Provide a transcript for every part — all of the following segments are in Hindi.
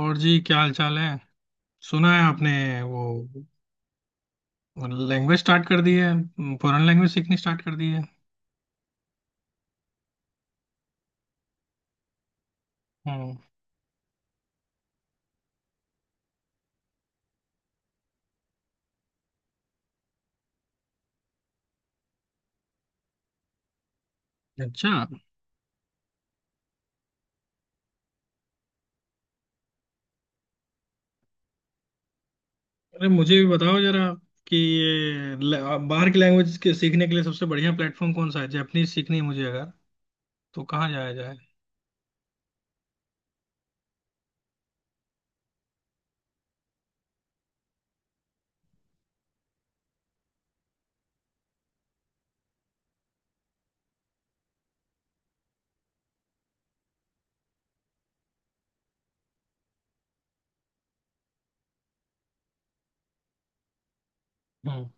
और जी क्या हाल चाल है। सुना है आपने वो लैंग्वेज स्टार्ट कर दी है, फॉरेन लैंग्वेज सीखनी स्टार्ट कर दी है। हम्म अच्छा, अरे मुझे भी बताओ जरा कि बाहर की लैंग्वेज के सीखने के लिए सबसे बढ़िया प्लेटफॉर्म कौन सा है। जैपनीज सीखनी है मुझे, अगर तो कहाँ जाया जाए। हम्म।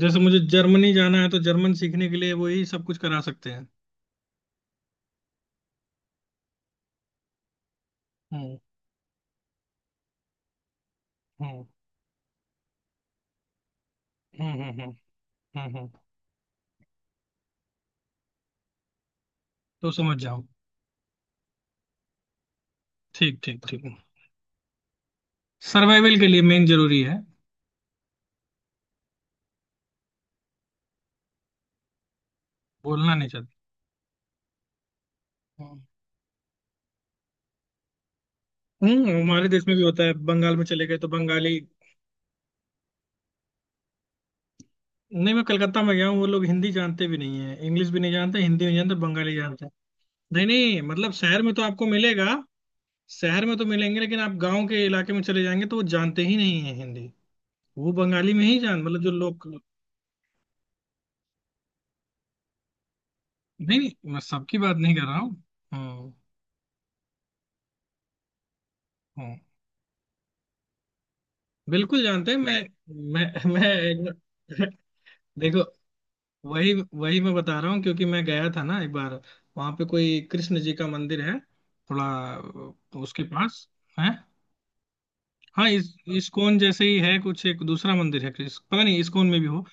जैसे मुझे जर्मनी जाना है तो जर्मन सीखने के लिए वो यही सब कुछ करा सकते हैं। हम्म हम्म हम्म हम्म हम्म हम्म। तो समझ जाओ। ठीक ठीक ठीक। सर्वाइवल के लिए मेन जरूरी है। बोलना नहीं चाहते। हम्म, हमारे देश में भी होता है, बंगाल में चले गए तो बंगाली। नहीं, मैं कलकत्ता में गया हूँ, वो लोग हिंदी जानते भी नहीं है, इंग्लिश भी नहीं जानते, हिंदी नहीं जानते, बंगाली जानते हैं। नहीं नहीं, मतलब शहर में तो आपको मिलेगा। शहर में तो मिलेंगे, लेकिन आप गांव के इलाके में चले जाएंगे तो वो जानते ही नहीं है हिंदी। वो बंगाली में ही जान, मतलब जो लोग। नहीं नहीं, मैं सबकी बात नहीं कर रहा हूँ। हम्म। हम्म। बिल्कुल जानते हैं। मैं एक देखो, वही वही मैं बता रहा हूँ क्योंकि मैं गया था ना एक बार। वहां पे कोई कृष्ण जी का मंदिर है थोड़ा। उसके पास है। हाँ, इस इस्कॉन जैसे ही है कुछ, एक दूसरा मंदिर है कृष्ण, पता नहीं इस्कॉन में भी हो।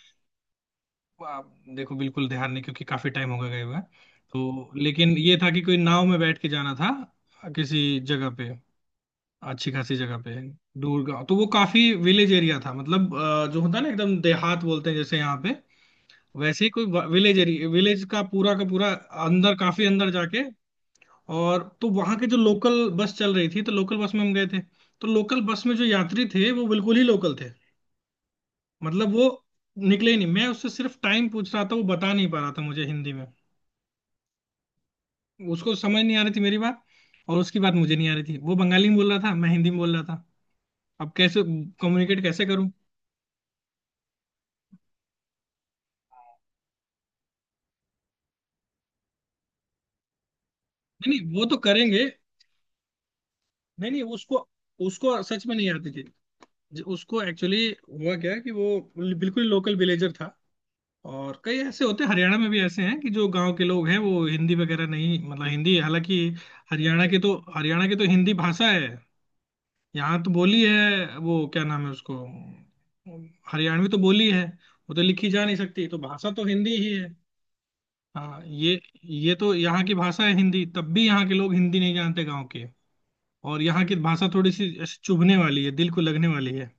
आप देखो, बिल्कुल ध्यान नहीं, क्योंकि काफी टाइम हो गया गए हुए। तो लेकिन ये था कि कोई नाव में बैठ के जाना था, किसी जगह पे, अच्छी खासी जगह पे, दूर गाँव। तो वो काफी विलेज एरिया था, मतलब जो होता है ना, एकदम देहात बोलते हैं जैसे यहाँ पे, वैसे ही कोई विलेज एरिया, विलेज का पूरा अंदर, काफी अंदर जाके। और तो वहां के जो लोकल बस चल रही थी, तो लोकल बस में हम गए थे। तो लोकल बस में जो यात्री थे वो बिल्कुल ही लोकल थे। मतलब वो निकले ही नहीं, मैं उससे सिर्फ टाइम पूछ रहा था, वो बता नहीं पा रहा था मुझे हिंदी में। उसको समझ नहीं आ रही थी मेरी बात, और उसकी बात मुझे नहीं आ रही थी। वो बंगाली में बोल रहा था, मैं हिंदी में बोल रहा था। अब कैसे, कम्युनिकेट कैसे करूं। नहीं नहीं, वो तो करेंगे। नहीं नहीं, उसको, उसको सच में नहीं आती थी। उसको एक्चुअली हुआ क्या कि वो बिल्कुल लोकल विलेजर था। और कई ऐसे होते हैं, हरियाणा में भी ऐसे हैं कि जो गांव के लोग हैं वो हिंदी वगैरह नहीं, मतलब हिंदी हालांकि हरियाणा की तो हिंदी भाषा है। यहाँ तो बोली है, वो क्या नाम है उसको, हरियाणवी तो बोली है। वो तो लिखी जा नहीं सकती, तो भाषा तो हिंदी ही है। हाँ ये तो यहाँ की भाषा है हिंदी, तब भी यहाँ के लोग हिंदी नहीं जानते, गांव के। और यहाँ की भाषा थोड़ी सी ऐसे चुभने वाली है, दिल को लगने वाली है।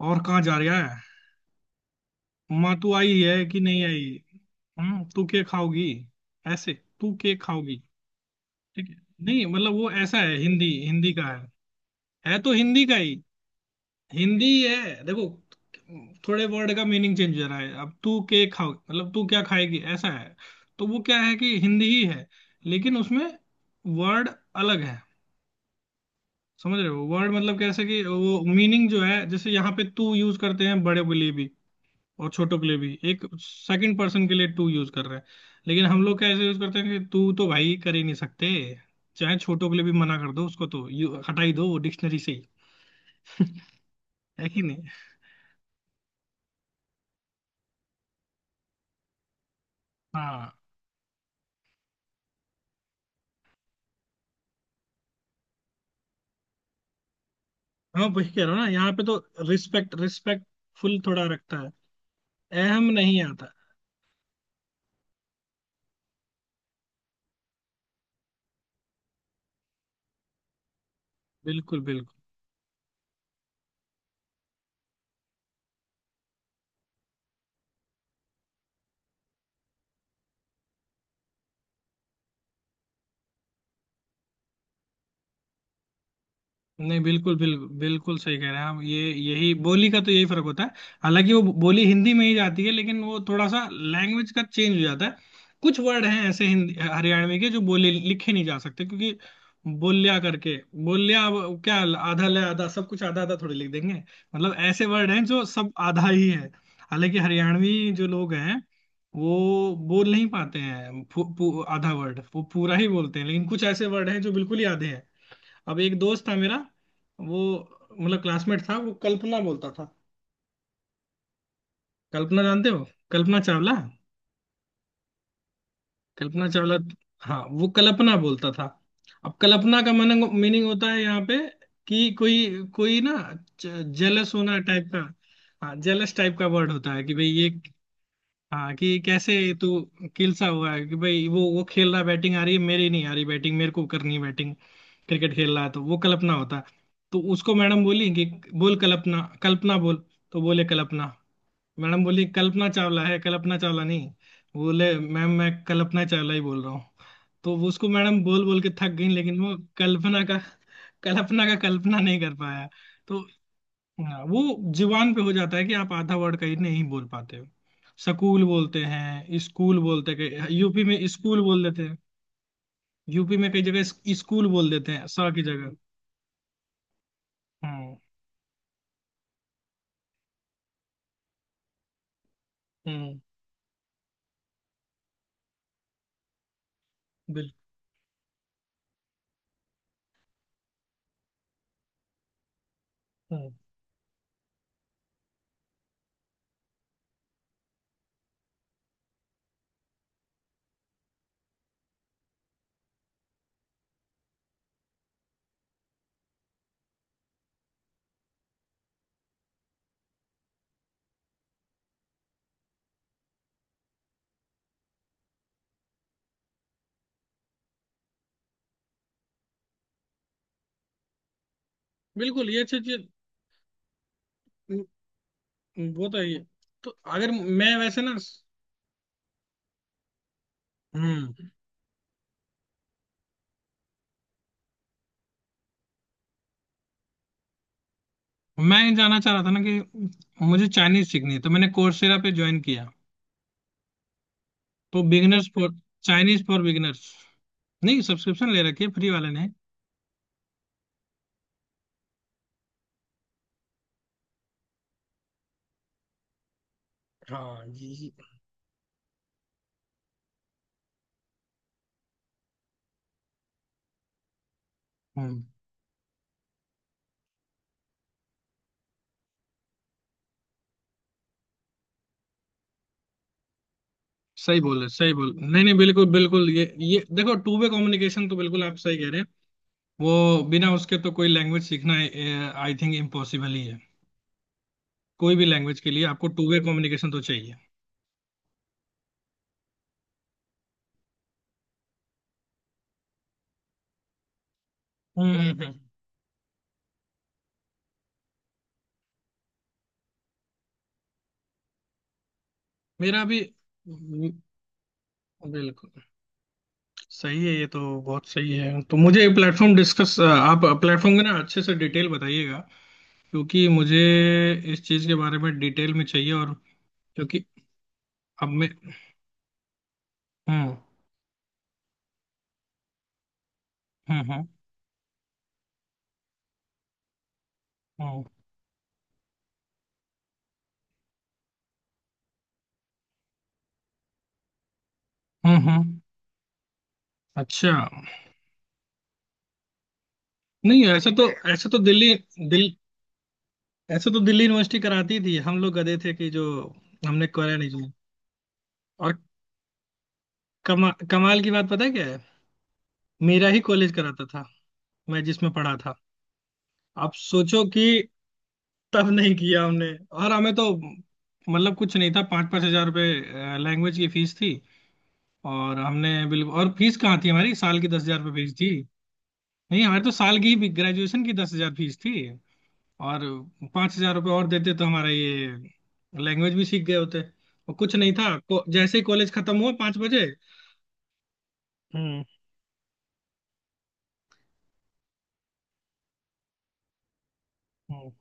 और कहाँ जा रहा है। माँ तू आई है कि नहीं आई। हम्म, तू क्या खाओगी। ऐसे, तू क्या खाओगी। ठीक है। नहीं मतलब, वो ऐसा है, हिंदी हिंदी का है। है तो हिंदी का ही, हिंदी ही है। देखो, थोड़े वर्ड का मीनिंग चेंज हो रहा है, अब तू के खाओ मतलब तू क्या खाएगी, ऐसा है। तो वो क्या है कि हिंदी ही है, लेकिन उसमें वर्ड अलग है। समझ रहे हो वर्ड मतलब कैसे, कि वो मीनिंग जो है जैसे यहाँ पे तू यूज करते हैं बड़े के लिए भी और छोटों के लिए भी, एक सेकंड पर्सन के लिए टू यूज कर रहे हैं। लेकिन हम लोग कैसे यूज करते हैं कि तू तो भाई कर ही नहीं सकते, चाहे छोटों के लिए भी मना कर दो, उसको तो यू हटाई दो डिक्शनरी से ही। है कि नहीं। हाँ हाँ, वही कह रहा हूँ ना, यहाँ पे तो रिस्पेक्ट, रिस्पेक्टफुल थोड़ा रखता है, अहम नहीं आता। बिल्कुल बिल्कुल। नहीं, बिल्कुल बिल्कुल बिल्कुल, सही कह रहे हैं आप, ये यही बोली का तो यही फर्क होता है। हालांकि वो बोली हिंदी में ही जाती है, लेकिन वो थोड़ा सा लैंग्वेज का चेंज हो जाता है। कुछ वर्ड हैं ऐसे हिंदी हरियाणवी के, जो बोले लिखे नहीं जा सकते क्योंकि बोल्या करके, बोल्या, अब क्या आधा ले आधा, सब कुछ आधा आधा थोड़ी लिख देंगे। मतलब ऐसे वर्ड हैं जो सब आधा ही है। हालांकि हरियाणवी जो लोग हैं, वो बोल नहीं पाते हैं, पू, पू, आधा वर्ड वो पूरा ही बोलते हैं, लेकिन कुछ ऐसे वर्ड हैं जो बिल्कुल ही आधे हैं। अब एक दोस्त था मेरा, वो मतलब क्लासमेट था, वो कल्पना बोलता था। कल्पना जानते हो, कल्पना चावला, कल्पना चावला। हाँ वो कल्पना बोलता था। अब कल्पना का मन, मीनिंग होता है यहाँ पे कि कोई कोई ना, जेलस होना टाइप का। हाँ, जेलस टाइप का वर्ड होता है कि भाई ये। हाँ, कि कैसे तू किलसा हुआ है, कि भाई वो खेल रहा, बैटिंग आ रही है मेरी, नहीं आ रही बैटिंग, मेरे को करनी है बैटिंग, क्रिकेट खेल रहा है, तो वो कल्पना होता। तो उसको मैडम बोली कि बोल, कल्पना, कल्पना बोल। तो बोले कल्पना। मैडम बोली कल्पना चावला है, कल्पना चावला नहीं। बोले मैम, मैं कल्पना चावला ही बोल रहा हूँ। तो वो उसको मैडम बोल बोल के थक गई, लेकिन वो कल्पना का कल्पना का कल्पना नहीं कर पाया। तो हाँ, वो जुबान पे हो जाता है कि आप आधा वर्ड कहीं नहीं बोल पाते हो। सकूल बोलते हैं, स्कूल बोलते हैं, यूपी में स्कूल बोल देते हैं। यूपी में कई जगह स्कूल बोल देते हैं सा की जगह। हम्म। हम्म। बिल्कुल। हम्म, बिल्कुल ये अच्छी चीज। हम्म, वो तो है ही है। तो अगर मैं वैसे ना, हम्म, मैं ये जानना चाह रहा था ना कि मुझे चाइनीज सीखनी है, तो मैंने कोर्सेरा पे ज्वाइन किया, तो beginners for, Chinese for beginners. नहीं, सब्सक्रिप्शन ले रखी है फ्री वाले ने। हाँ ये- सही बोले, सही बोल, नहीं नहीं, बिल्कुल बिल्कुल, ये देखो, टू वे कम्युनिकेशन, तो बिल्कुल आप सही कह रहे हैं। वो बिना उसके तो कोई लैंग्वेज सीखना, आई थिंक इम्पॉसिबल ही है। कोई भी लैंग्वेज के लिए आपको टू वे कम्युनिकेशन तो चाहिए। हम्म हम्म, हम्म। मेरा भी बिल्कुल सही है, ये तो बहुत सही है। तो मुझे प्लेटफॉर्म डिस्कस, आप प्लेटफॉर्म में ना अच्छे से डिटेल बताइएगा, क्योंकि मुझे इस चीज के बारे में डिटेल में चाहिए। और क्योंकि अब मैं, हम्म। हम्म हम्म हम्म हम्म हम्म। अच्छा। नहीं ऐसा तो ऐसा तो दिल्ली, दिल ऐसा तो दिल्ली यूनिवर्सिटी कराती थी, हम लोग गधे थे कि जो हमने करा नहीं जो। और कमाल की बात पता है क्या है, मेरा ही कॉलेज कराता था, मैं जिसमें पढ़ा था। आप सोचो कि तब नहीं किया हमने, और हमें तो मतलब कुछ नहीं था, 5-5 हजार रुपये लैंग्वेज की फीस थी, और हमने बिल्कुल, और फीस कहाँ थी हमारी, साल की 10 हजार रुपये फीस थी। नहीं हमारी तो साल की ही ग्रेजुएशन की 10 हजार फीस थी, और 5 हजार रुपये और देते तो हमारा ये लैंग्वेज भी सीख गए होते। और कुछ नहीं था, जैसे ही कॉलेज खत्म हुआ 5 बजे। हम्म हम्म।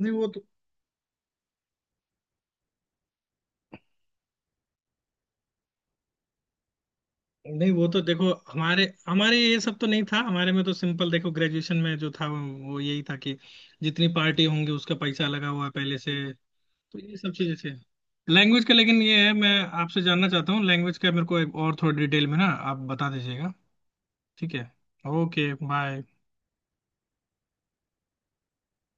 नहीं वो तो नहीं वो तो देखो, हमारे हमारे ये सब तो नहीं था, हमारे में तो सिंपल देखो, ग्रेजुएशन में जो था वो यही था कि जितनी पार्टी होंगी उसका पैसा लगा हुआ है पहले से। तो ये सब चीजें थे लैंग्वेज का। लेकिन ये है, मैं आपसे जानना चाहता हूँ लैंग्वेज का, मेरे को एक और थोड़ी डिटेल में ना आप बता दीजिएगा। ठीक है, ओके बाय।